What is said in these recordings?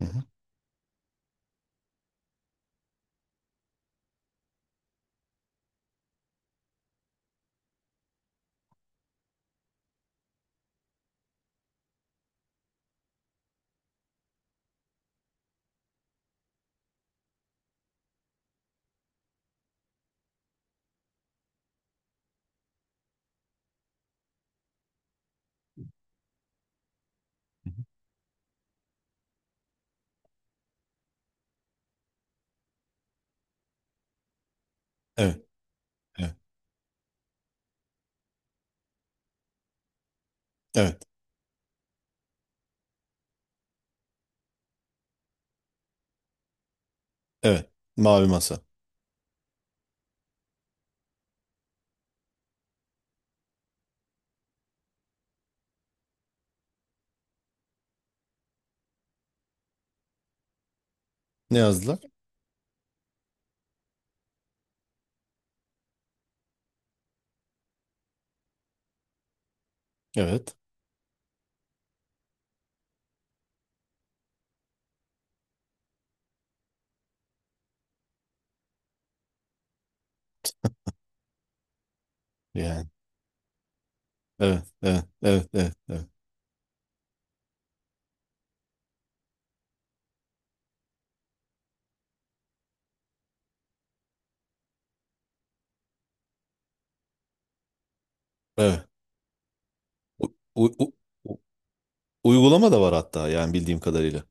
Hı hı. Evet, evet, evet, evet. Mavi masa. Ne yazdılar? Evet. Yani, evet, evet, evet, evet, evet. Evet. U- u- u- u- Uygulama da var hatta yani bildiğim kadarıyla.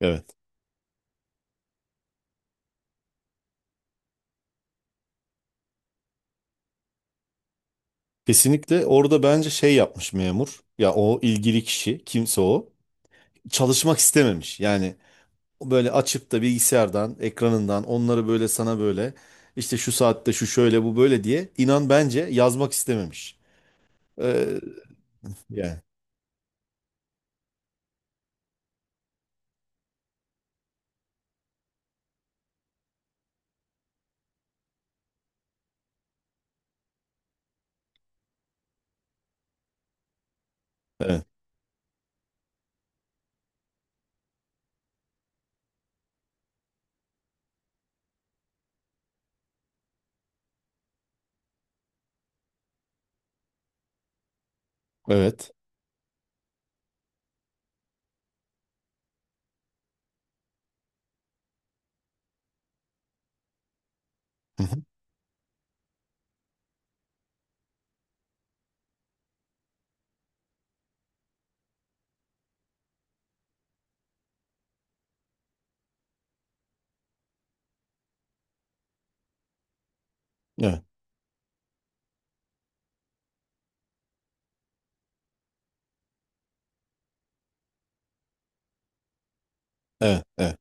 Evet. Kesinlikle orada bence şey yapmış memur. Ya o ilgili kişi, kimse o. Çalışmak istememiş. Yani böyle açıp da bilgisayardan, ekranından onları böyle sana böyle işte şu saatte şu şöyle bu böyle diye inan bence yazmak istememiş. Ee, Yani, evet, evet. Hı hı. Evet. Evet, evet.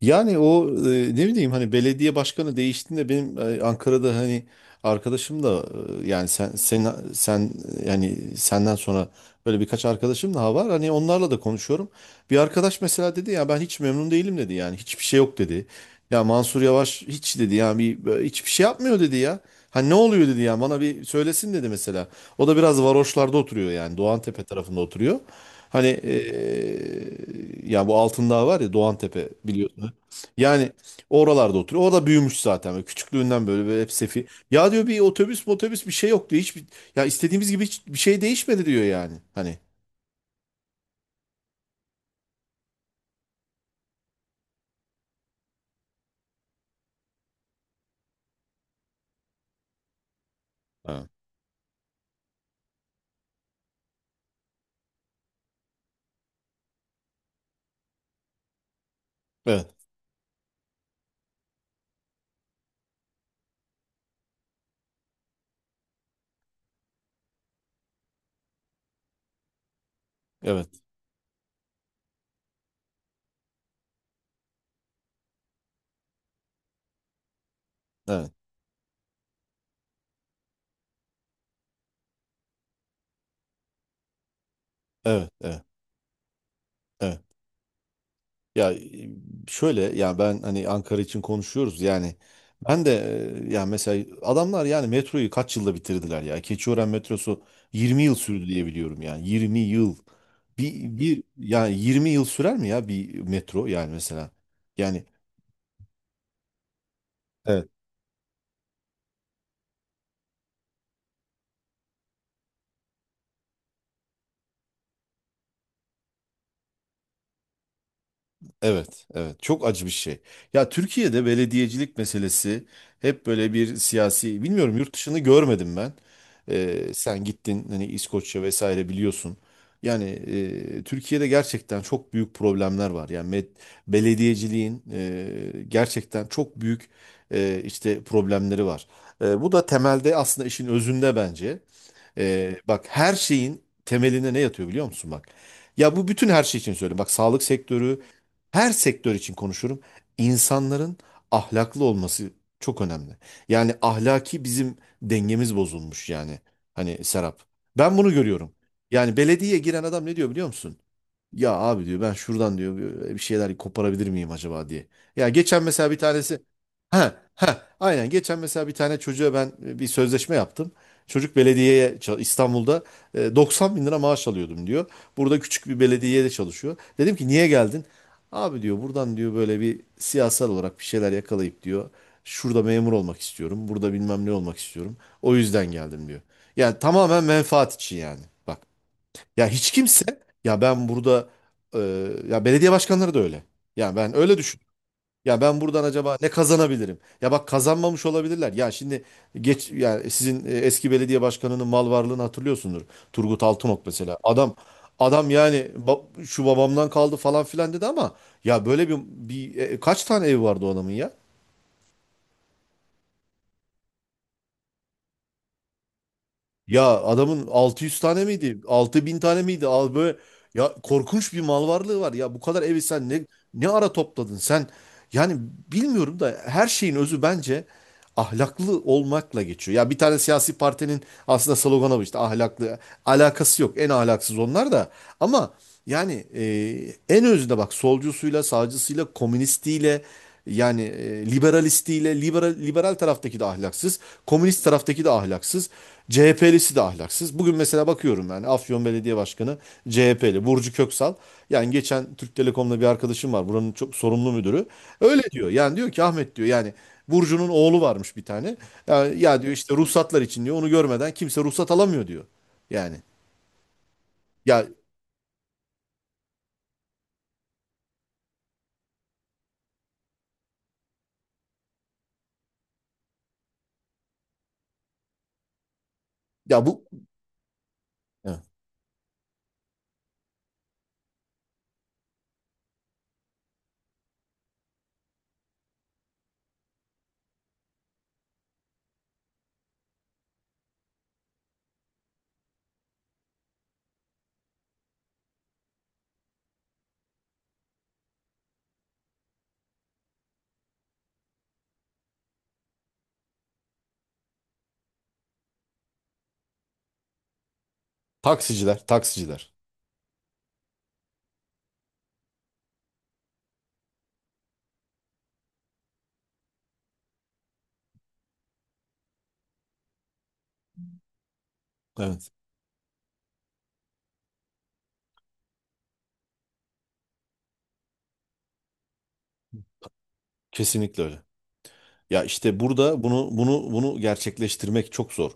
Yani o ne bileyim hani belediye başkanı değiştiğinde benim Ankara'da hani arkadaşım da yani sen yani senden sonra böyle birkaç arkadaşım daha var. Hani onlarla da konuşuyorum. Bir arkadaş mesela dedi ya ben hiç memnun değilim dedi yani hiçbir şey yok dedi. Ya Mansur Yavaş hiç dedi yani bir böyle hiçbir şey yapmıyor dedi ya. Hani ne oluyor dedi ya bana bir söylesin dedi mesela. O da biraz varoşlarda oturuyor yani Doğantepe tarafında oturuyor. Hani ya bu Altındağ var ya Doğantepe biliyorsun. Yani oralarda oturuyor. Orada büyümüş zaten. Böyle küçüklüğünden böyle hep sefi. Ya diyor bir otobüs motobüs bir şey yok diyor. Hiçbir, ya istediğimiz gibi hiç bir şey değişmedi diyor yani. Hani. Ha. Evet, evet, evet, evet, evet, evet. Ya şöyle yani ben hani Ankara için konuşuyoruz yani ben de yani mesela adamlar yani metroyu kaç yılda bitirdiler ya. Keçiören metrosu 20 yıl sürdü diye biliyorum yani 20 yıl. Bir yani 20 yıl sürer mi ya bir metro yani mesela? Yani evet, evet. Çok acı bir şey. Ya Türkiye'de belediyecilik meselesi hep böyle bir siyasi, bilmiyorum yurt dışını görmedim ben. Sen gittin hani İskoçya vesaire biliyorsun. Yani Türkiye'de gerçekten çok büyük problemler var. Yani belediyeciliğin gerçekten çok büyük işte problemleri var. Bu da temelde aslında işin özünde bence. Bak her şeyin temelinde ne yatıyor biliyor musun bak. Ya bu bütün her şey için söylüyorum. Bak sağlık sektörü, her sektör için konuşurum. İnsanların ahlaklı olması çok önemli. Yani ahlaki bizim dengemiz bozulmuş yani. Hani Serap. Ben bunu görüyorum. Yani belediyeye giren adam ne diyor biliyor musun? Ya abi diyor ben şuradan diyor bir şeyler koparabilir miyim acaba diye. Ya geçen mesela bir tanesi ha ha aynen geçen mesela bir tane çocuğa ben bir sözleşme yaptım. Çocuk belediyeye İstanbul'da 90 bin lira maaş alıyordum diyor. Burada küçük bir belediyede çalışıyor. Dedim ki niye geldin? Abi diyor buradan diyor böyle bir siyasal olarak bir şeyler yakalayıp diyor. Şurada memur olmak istiyorum. Burada bilmem ne olmak istiyorum. O yüzden geldim diyor. Yani tamamen menfaat için yani. Bak. Ya hiç kimse ya ben burada e, ya belediye başkanları da öyle. Ya ben öyle düşün. Ya ben buradan acaba ne kazanabilirim? Ya bak kazanmamış olabilirler. Ya şimdi geç yani sizin eski belediye başkanının mal varlığını hatırlıyorsundur. Turgut Altınok mesela. Adam yani şu babamdan kaldı falan filan dedi ama ya böyle kaç tane ev vardı o adamın ya? Ya adamın 600 tane miydi? 6.000 tane miydi? Al böyle ya korkunç bir mal varlığı var. Ya bu kadar evi sen ne ara topladın sen? Yani bilmiyorum da her şeyin özü bence ahlaklı olmakla geçiyor. Ya bir tane siyasi partinin aslında sloganı bu işte ahlaklı alakası yok. En ahlaksız onlar da ama yani en özünde bak solcusuyla, sağcısıyla, komünistiyle yani liberalistiyle, liberal taraftaki de ahlaksız, komünist taraftaki de ahlaksız, CHP'lisi de ahlaksız. Bugün mesela bakıyorum yani Afyon Belediye Başkanı CHP'li Burcu Köksal. Yani geçen Türk Telekom'da bir arkadaşım var buranın çok sorumlu müdürü. Öyle diyor yani diyor ki Ahmet diyor yani Burcu'nun oğlu varmış bir tane. Ya diyor işte ruhsatlar için diyor onu görmeden kimse ruhsat alamıyor diyor. Yani ya ya bu. Taksiciler, taksiciler. Evet. Kesinlikle öyle. Ya işte burada bunu gerçekleştirmek çok zor.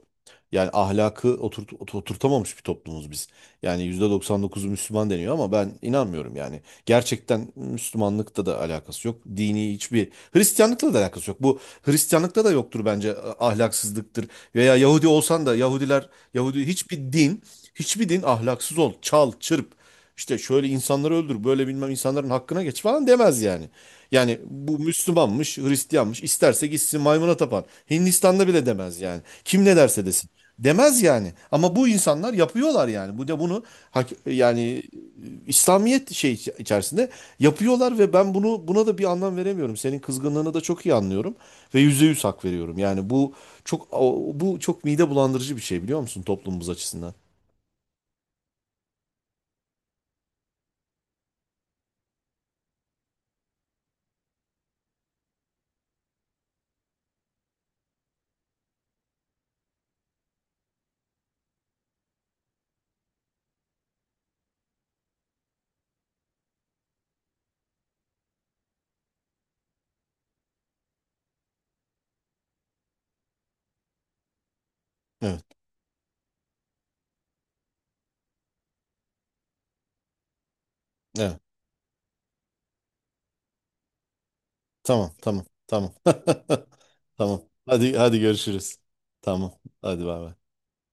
Yani ahlakı oturtamamış bir toplumuz biz. Yani %99'u Müslüman deniyor ama ben inanmıyorum yani. Gerçekten Müslümanlıkta da alakası yok. Dini hiçbir Hristiyanlıkla da alakası yok. Bu Hristiyanlıkta da yoktur bence ahlaksızlıktır. Veya Yahudi olsan da Yahudiler, Yahudi hiçbir din, hiçbir din ahlaksız ol, çal, çırp. İşte şöyle insanları öldür, böyle bilmem insanların hakkına geç falan demez yani. Yani bu Müslümanmış, Hristiyanmış, isterse gitsin maymuna tapan. Hindistan'da bile demez yani. Kim ne derse desin. Demez yani. Ama bu insanlar yapıyorlar yani. Bu da bunu yani İslamiyet içerisinde yapıyorlar ve ben bunu buna da bir anlam veremiyorum. Senin kızgınlığını da çok iyi anlıyorum ve %100 hak veriyorum. Yani bu çok mide bulandırıcı bir şey biliyor musun toplumumuz açısından? Evet. Evet. Tamam, tamam, tamam. Tamam. Hadi hadi görüşürüz. Tamam. Hadi bay bay.